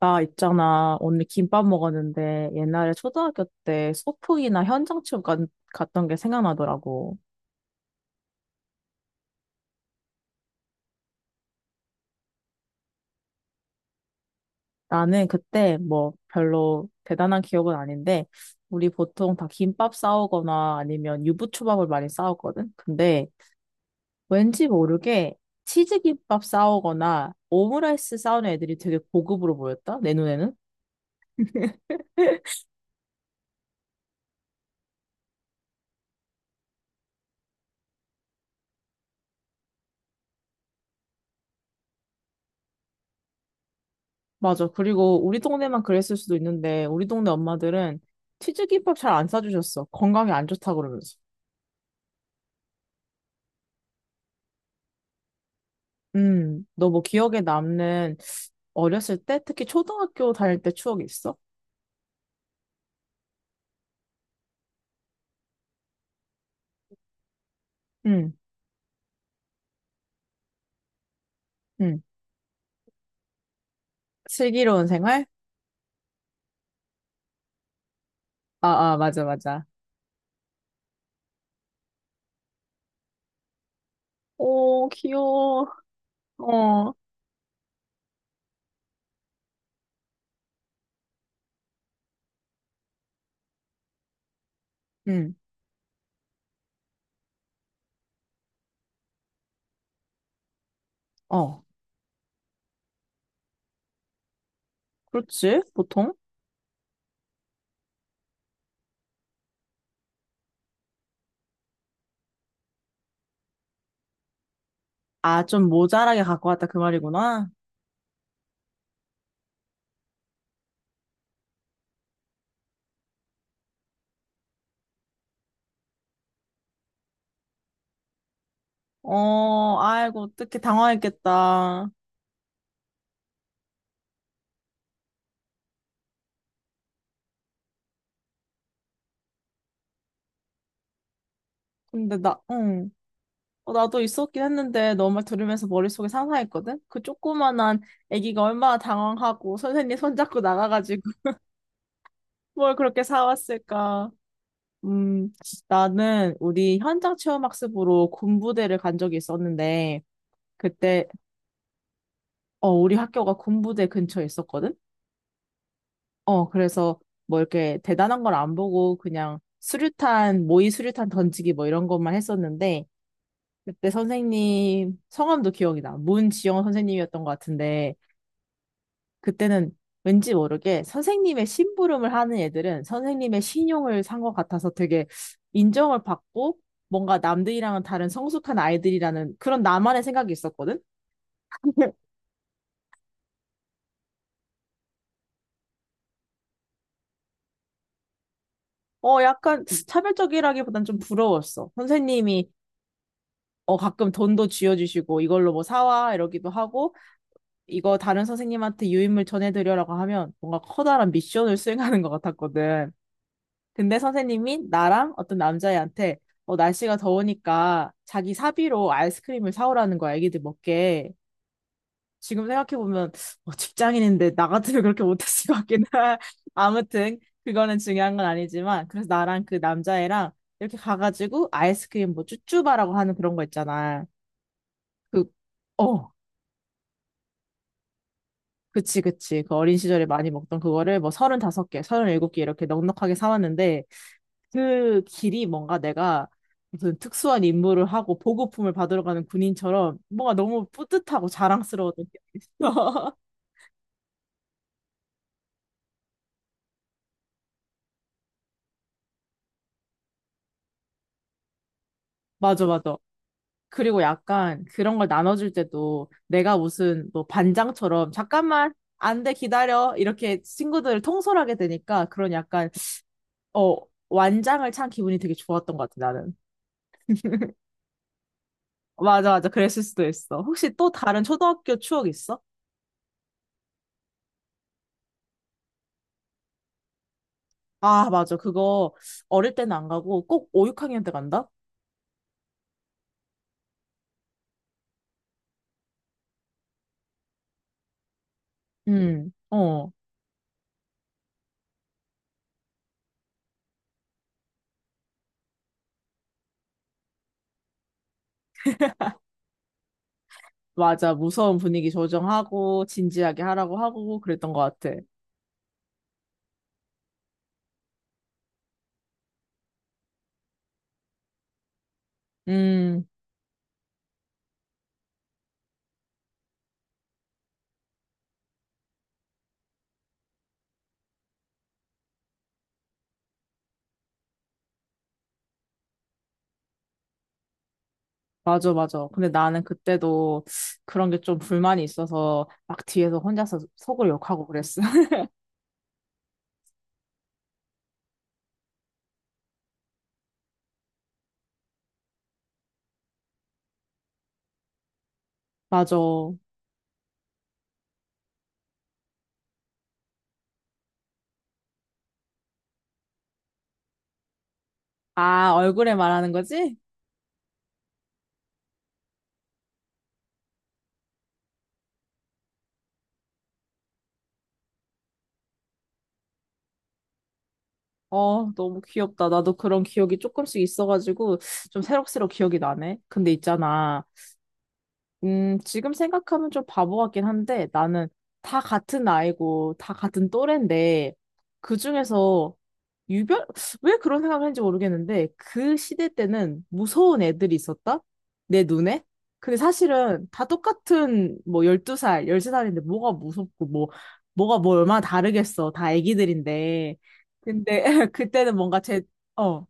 나 있잖아. 오늘 김밥 먹었는데 옛날에 초등학교 때 소풍이나 현장 체험 갔던 게 생각나더라고. 나는 그때 뭐 별로 대단한 기억은 아닌데 우리 보통 다 김밥 싸오거나 아니면 유부초밥을 많이 싸웠거든. 근데 왠지 모르게 치즈김밥 싸오거나 오므라이스 싸우는 애들이 되게 고급으로 보였다. 내 눈에는. 맞아. 그리고 우리 동네만 그랬을 수도 있는데, 우리 동네 엄마들은 튀김밥 잘 안 싸주셨어. 건강에 안 좋다 그러면서. 너 뭐 기억에 남는 어렸을 때, 특히 초등학교 다닐 때 추억이 있어? 응, 응. 슬기로운 생활? 아, 아, 맞아, 맞아. 오, 귀여워. 어, 응, 어. 그렇지, 보통? 아, 좀 모자라게 갖고 왔다 그 말이구나. 어, 아이고, 어떻게 당황했겠다. 근데 나, 응. 어, 나도 있었긴 했는데 너 말 들으면서 머릿속에 상상했거든? 그 조그만한 아기가 얼마나 당황하고 선생님 손잡고 나가가지고 뭘 그렇게 사왔을까? 음, 나는 우리 현장 체험학습으로 군부대를 간 적이 있었는데 그때 어, 우리 학교가 군부대 근처에 있었거든? 어, 그래서 뭐 이렇게 대단한 걸 안 보고 그냥 수류탄, 모의 수류탄 던지기 뭐 이런 것만 했었는데 그때 선생님 성함도 기억이 나. 문지영 선생님이었던 것 같은데 그때는 왠지 모르게 선생님의 심부름을 하는 애들은 선생님의 신용을 산 것 같아서 되게 인정을 받고 뭔가 남들이랑은 다른 성숙한 아이들이라는 그런 나만의 생각이 있었거든? 어, 약간 차별적이라기보단 좀 부러웠어. 선생님이 가끔 돈도 쥐어주시고 이걸로 뭐 사와 이러기도 하고 이거 다른 선생님한테 유인물 전해드려라고 하면 뭔가 커다란 미션을 수행하는 것 같았거든. 근데 선생님이 나랑 어떤 남자애한테 날씨가 더우니까 자기 사비로 아이스크림을 사오라는 거야, 애기들 먹게. 지금 생각해보면 직장인인데 나 같으면 그렇게 못했을 것 같긴 해. 아무튼 그거는 중요한 건 아니지만 그래서 나랑 그 남자애랑 이렇게 가가지고 아이스크림 뭐 쭈쭈바라고 하는 그런 거 있잖아. 그, 어, 그치, 그치. 그 어린 시절에 많이 먹던 그거를 뭐 35개 37개 이렇게 넉넉하게 사왔는데 그 길이 뭔가 내가 무슨 특수한 임무를 하고 보급품을 받으러 가는 군인처럼 뭔가 너무 뿌듯하고 자랑스러웠던 기억이 있어. 맞아, 맞아. 그리고 약간 그런 걸 나눠줄 때도 내가 무슨 뭐 반장처럼 잠깐만 안돼 기다려 이렇게 친구들을 통솔하게 되니까 그런 약간 어 완장을 찬 기분이 되게 좋았던 것 같아 나는. 맞아, 맞아. 그랬을 수도 있어. 혹시 또 다른 초등학교 추억 있어? 아, 맞아. 그거 어릴 때는 안 가고 꼭 5, 6학년 때 간다? 어, 맞아. 무서운 분위기 조정하고, 진지하게 하라고 하고, 그랬던 것 같아. 음, 맞아, 맞아. 근데 나는 그때도 그런 게 좀 불만이 있어서, 막 뒤에서 혼자서 속을 욕하고 그랬어. 맞아. 아, 얼굴에 말하는 거지? 어, 너무 귀엽다. 나도 그런 기억이 조금씩 있어가지고, 좀 새록새록 기억이 나네. 근데 있잖아. 지금 생각하면 좀 바보 같긴 한데 나는 다 같은 나이고 다 같은 또래인데 그중에서 유별 왜 그런 생각을 했는지 모르겠는데 그 시대 때는 무서운 애들이 있었다? 내 눈에? 근데 사실은 다 똑같은 뭐 12살, 13살인데 뭐가 무섭고 뭐 뭐가 뭐 얼마나 다르겠어. 다 애기들인데. 근데 그때는 뭔가 제 어.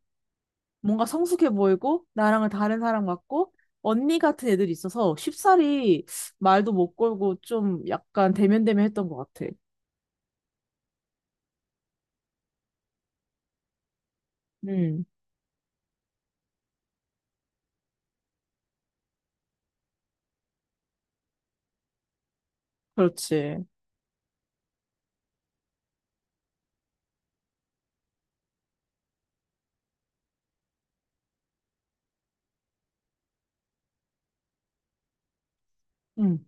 뭔가 성숙해 보이고 나랑은 다른 사람 같고 언니 같은 애들이 있어서 쉽사리 말도 못 걸고 좀 약간 대면대면했던 것 같아. 음, 그렇지. 음.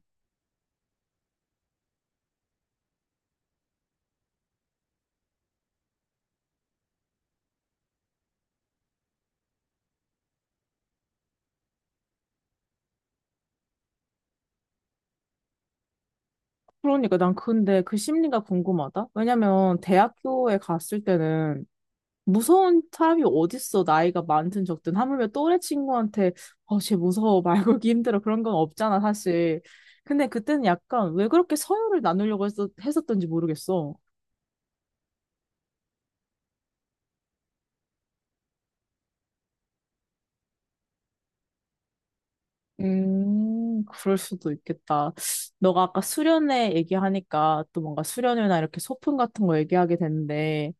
그러니까 난 근데 그 심리가 궁금하다. 왜냐면 대학교에 갔을 때는 무서운 사람이 어딨어. 나이가 많든 적든 하물며 또래 친구한테 어, 쟤 무서워. 말 걸기 힘들어. 그런 건 없잖아, 사실. 근데 그때는 약간 왜 그렇게 서열을 나누려고 했었던지 모르겠어. 그럴 수도 있겠다. 너가 아까 수련회 얘기하니까 또 뭔가 수련회나 이렇게 소풍 같은 거 얘기하게 되는데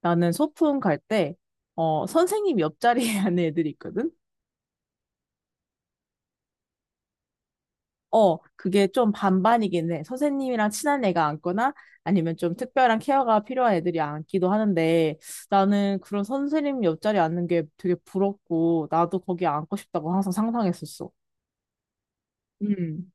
나는 소풍 갈 때, 선생님 옆자리에 앉는 애들이 있거든? 어, 그게 좀 반반이긴 해. 선생님이랑 친한 애가 앉거나 아니면 좀 특별한 케어가 필요한 애들이 앉기도 하는데 나는 그런 선생님 옆자리에 앉는 게 되게 부럽고 나도 거기 앉고 싶다고 항상 상상했었어. 음.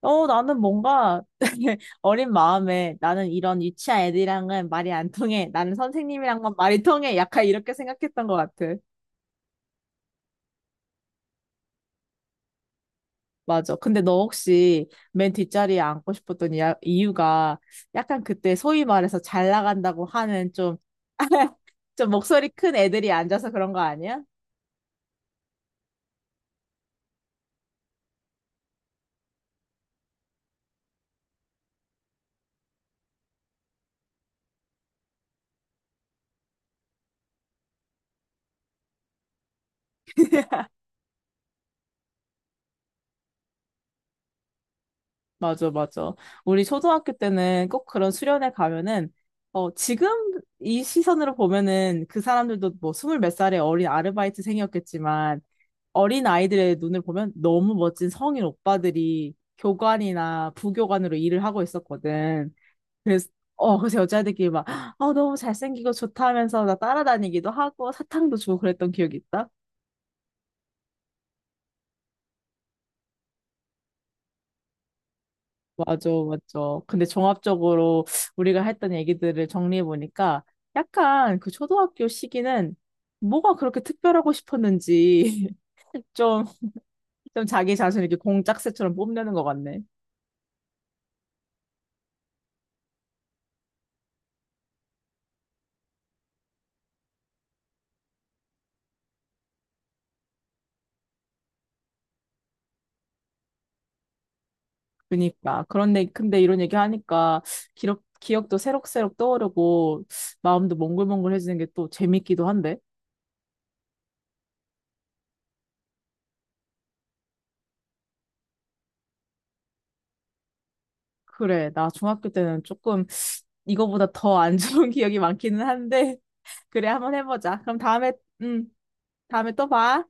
나는 뭔가 어린 마음에 나는 이런 유치한 애들이랑은 말이 안 통해. 나는 선생님이랑만 말이 통해. 약간 이렇게 생각했던 것 같아. 맞아. 근데 너 혹시 맨 뒷자리에 앉고 싶었던 이유가 약간 그때 소위 말해서 잘 나간다고 하는 좀, 좀 목소리 큰 애들이 앉아서 그런 거 아니야? 맞아, 맞아. 우리 초등학교 때는 꼭 그런 수련회 가면은, 지금 이 시선으로 보면은 그 사람들도 뭐 스물 몇 살의 어린 아르바이트생이었겠지만, 어린 아이들의 눈을 보면 너무 멋진 성인 오빠들이 교관이나 부교관으로 일을 하고 있었거든. 그래서, 그래서, 여자애들끼리 막, 너무 잘생기고 좋다 하면서 나 따라다니기도 하고 사탕도 주고 그랬던 기억이 있다. 맞죠, 맞죠. 근데 종합적으로 우리가 했던 얘기들을 정리해보니까 약간 그 초등학교 시기는 뭐가 그렇게 특별하고 싶었는지 좀, 좀 자기 자신을 이렇게 공작새처럼 뽐내는 것 같네. 그니까. 그런데, 근데 이런 얘기 하니까 기억도 새록새록 떠오르고 마음도 몽글몽글해지는 게 또 재밌기도 한데. 그래, 나 중학교 때는 조금 이거보다 더 안 좋은 기억이 많기는 한데. 그래, 한번 해보자. 그럼 다음에, 음, 다음에 또 봐.